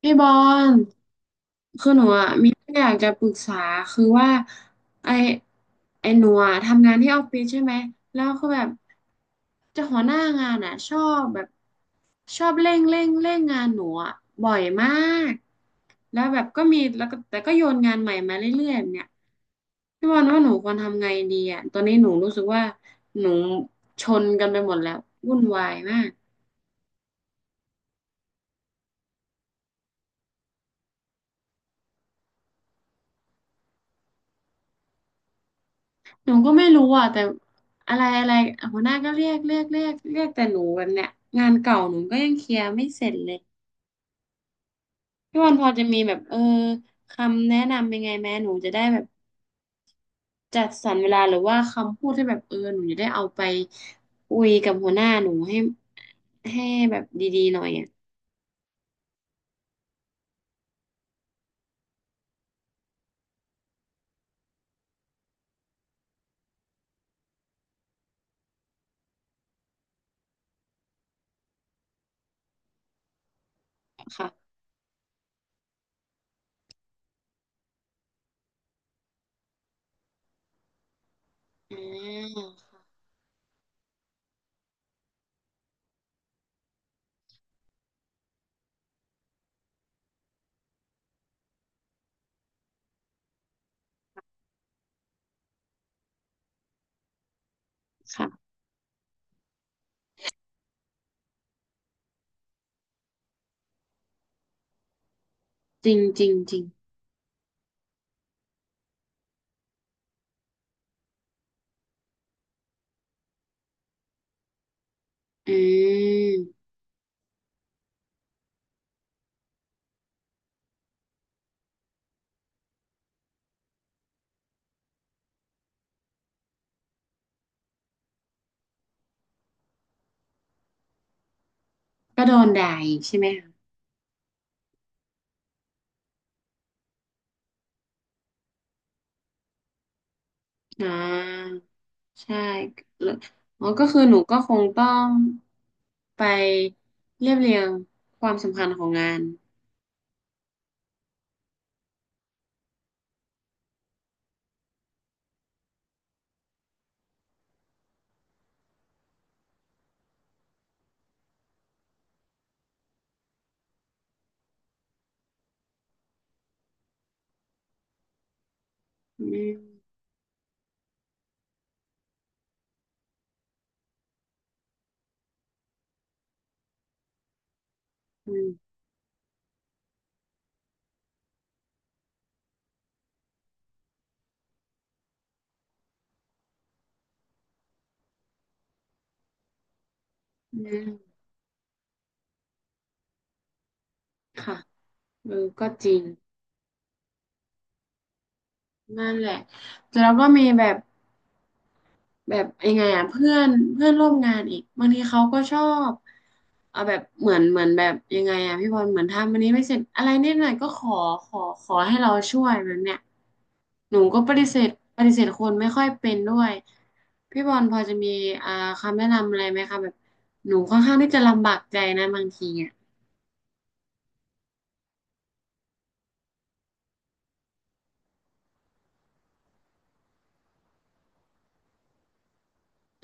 พี่บอลคือหนูอ่ะมีเรื่องอยากจะปรึกษาคือว่าไอไอหนูอ่ะทำงานที่ออฟฟิศใช่ไหมแล้วคือแบบเจะหัวหน้างานอ่ะชอบแบบชอบเร่งเร่งเร่งงานหนูอ่ะบ่อยมากแล้วแบบก็มีแล้วก็แต่ก็โยนงานใหม่มาเรื่อยๆแบบเนี่ยพี่บอลว่าหนูควรทำไงดีอ่ะตอนนี้หนูรู้สึกว่าหนูชนกันไปหมดแล้ววุ่นวายมาก หนูก็ไม่รู้อ่ะแต่อะไรอะไรหัวหน้าก็เรียกเรียกเรียกเรียกแต่หนูแันเนี้ยงานเก่าหนูก็ยังเคลียร์ไม่เสร็จเลยพี่วันพอจะมีแบบเออคำแนะนำยังไงแม่หนูจะได้แบบจัดสรรเวลาหรือว่าคำพูดที่แบบเออหนูจะได้เอาไปคุยกับหัวหน้าหนูให้แบบดีๆหน่อยอ่ะค่ะอ่าค่ะจริงจริงจริงอืมก็โดนด่าอีกใช่ไหมคะอ่า ใช่แล้วอ๋อก็คือหนูก็คงต้องไปเรียบเรียงความสำคัญของงานอืมอืมอืมค่ะเออก็จริงนั่นแหละแล้วก็มีแบบ แบบยังไงอ่ะเพื่อนเพื่อนร่วมงานอีกบางทีเขาก็ชอบเอาแบบเหมือนเหมือนแบบยังไงอ่ะพี่บอลเหมือนทำอันนี้ไม่เสร็จอะไรนิดหน่อยก็ขอให้เราช่วยแบบเนี้ยหนูก็ปฏิเสธปฏิเสธคนไม่ค่อยเป็นด้วยพี่บอลพอจะมีอ่าคำแนะนำอะไรไหมคะแบบหนูค่อนข้างที่จะลำบากใจนะบางทีอ่ะ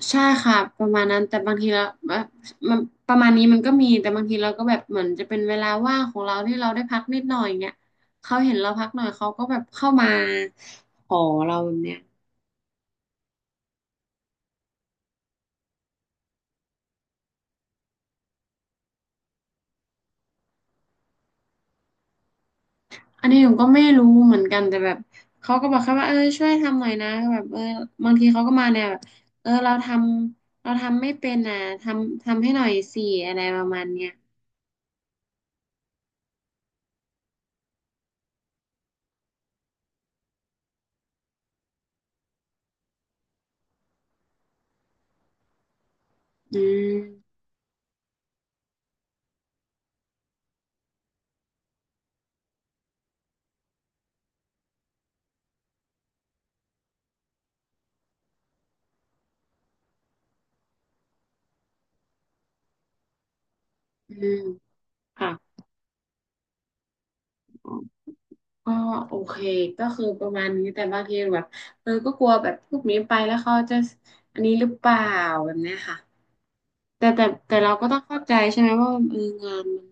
ใช่ค่ะประมาณนั้นแต่บางทีเราแบบมันประมาณนี้มันก็มีแต่บางทีเราก็แบบเหมือนจะเป็นเวลาว่างของเราที่เราได้พักนิดหน่อยเงี้ยเขาเห็นเราพักหน่อยเขาก็แบบเข้ามาขอเราแบบเนี้ยอันนี้ผมก็ไม่รู้เหมือนกันแต่แบบเขาก็บอกแค่ว่าเออช่วยทำหน่อยนะก็แบบเออบางทีเขาก็มาแนวแบบเออเราทำเราทำไม่เป็นอ่ะทำทำให้หน่อยสิอะไรประมาณเนี้ยอืมอืมค่ะ อ๋อโอเคก็คือประมาณนี้แต่บางทีแบบเออก็กลัวแบบพวกนี้ไปแล้วเขาจะอันนี้หรือเปล่าแบบเนี้ยค่ะแต่เราก็ต้องเข้าใจใช่ไหมว่าเอองานมัน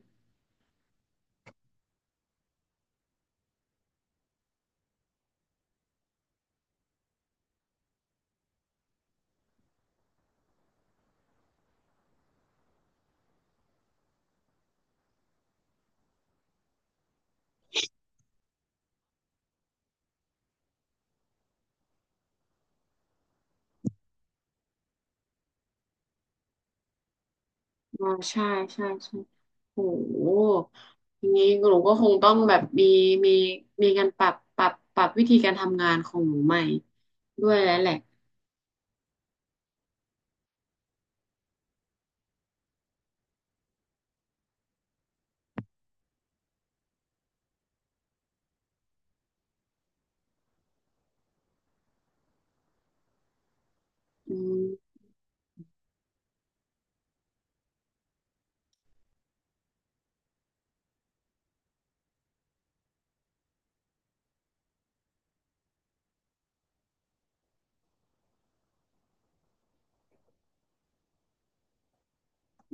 อ๋อใช่ใช่ใช่โอ้โหอย่างนี้หนูก็คงต้องแบบมีมีการปรับปรับปรับวิธีการทำงานของหนูใหม่ด้วยแล้วแหละอืม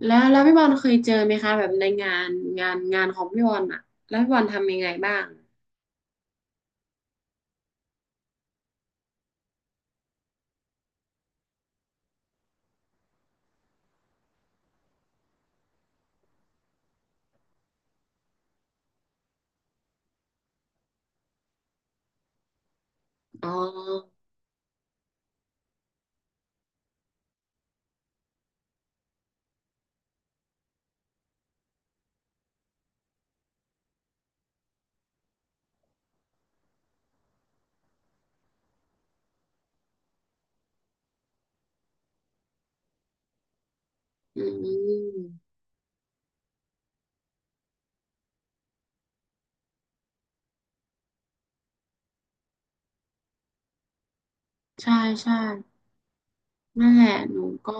แล้วพี่บอลเคยเจอไหมคะแบบในงานงานงานของพี่บอลอะแล้วพี่บอลทำยังไงบ้างอ๋ออืม ใช่ใช่นั่นแหละหนูก็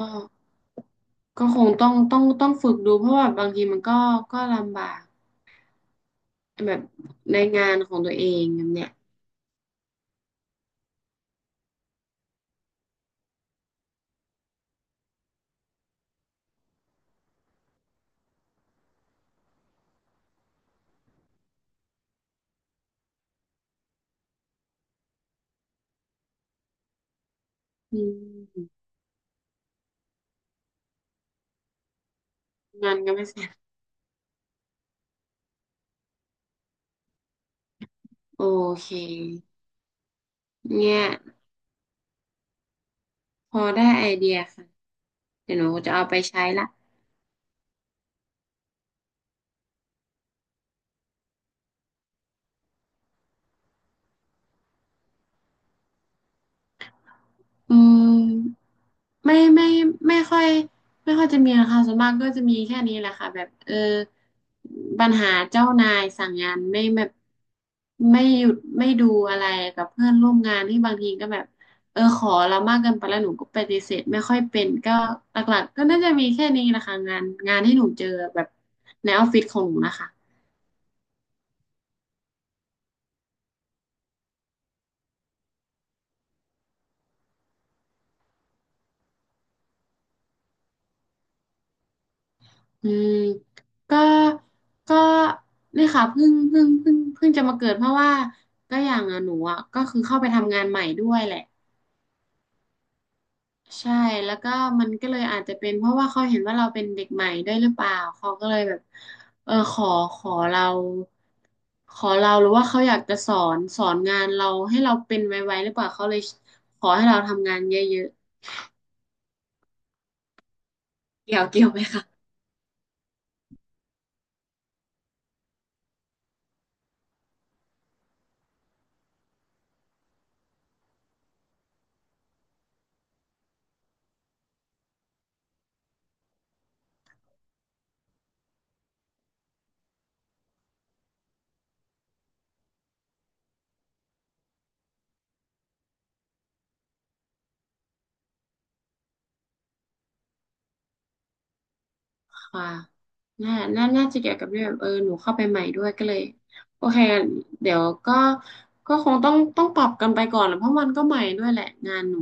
ก็คงต้องต้องต้องฝึกดูเพราะว่าบางทีมันก็ก็ลำบากแบบในงานของตัวเองแบบเนี้ยอืมงานก็ไม่เสร็จโอเคเนี่ยพอได้ไอเดียค่ะเดี๋ยวหนูจะเอาไปใช้ละ อืมไม่ไม่ไม่ค่อยไม่ค่อยจะมีนะคะส่วนมากก็จะมีแค่นี้แหละค่ะแบบเออปัญหาเจ้านายสั่งงานไม่แบบไม่หยุดไม่ดูอะไรกับเพื่อนร่วมงานที่บางทีก็แบบเออขอเรามากเกินไปแล้วหนูก็ปฏิเสธไม่ค่อยเป็นก็หลักๆก็น่าจะมีแค่นี้แหละค่ะงานงานที่หนูเจอแบบในออฟฟิศของหนูนะคะ อืมก็ก็เนี่ยค่ะเพิ่งเพิ่งเพิ่งเพิ่งจะมาเกิดเพราะว่าก็อย่างอะหนูอะก็คือเข้าไปทำงานใหม่ด้วยแหละใช่แล้วก็มันก็เลยอาจจะเป็นเพราะว่าเขาเห็นว่าเราเป็นเด็กใหม่ด้วยหรือเปล่าเขาก็เลยแบบเออขอเราขอเราหรือว่าเขาอยากจะสอนสอนงานเราให้เราเป็นไวๆหรือเปล่าเขาเลยขอให้เราทำงานเยอะๆเกี่ยวเกี่ยวไหมคะ ค่ะน่าน่าน่าจะเกี่ยวกับเรื่องแบบเออ หนูเข้าไปใหม่ด้วยก็เลย โอเคเดี๋ยวก็ก็คงต้องปรับกันไปก่อนแหละเพราะมันก็ใหม่ด้วยแหละงานหนู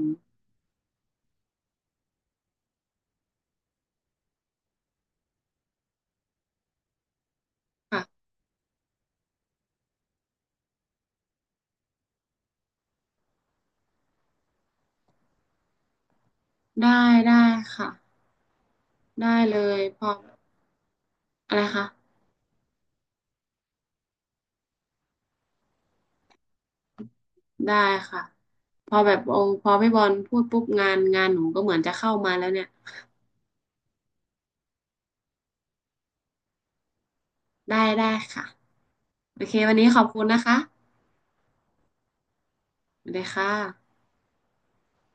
ค่ะได้ได้ค่ะได้เลยพออะไรคะได้ค่ะพอแบบโอพอพี่บอลพูดปุ๊บงาน งานหนูก็เหมือนจะเข้ามาแล้วเนี่ยได้ได้ค่ะโอเควันนี้ขอบคุณนะคะสวัสดีค่ะ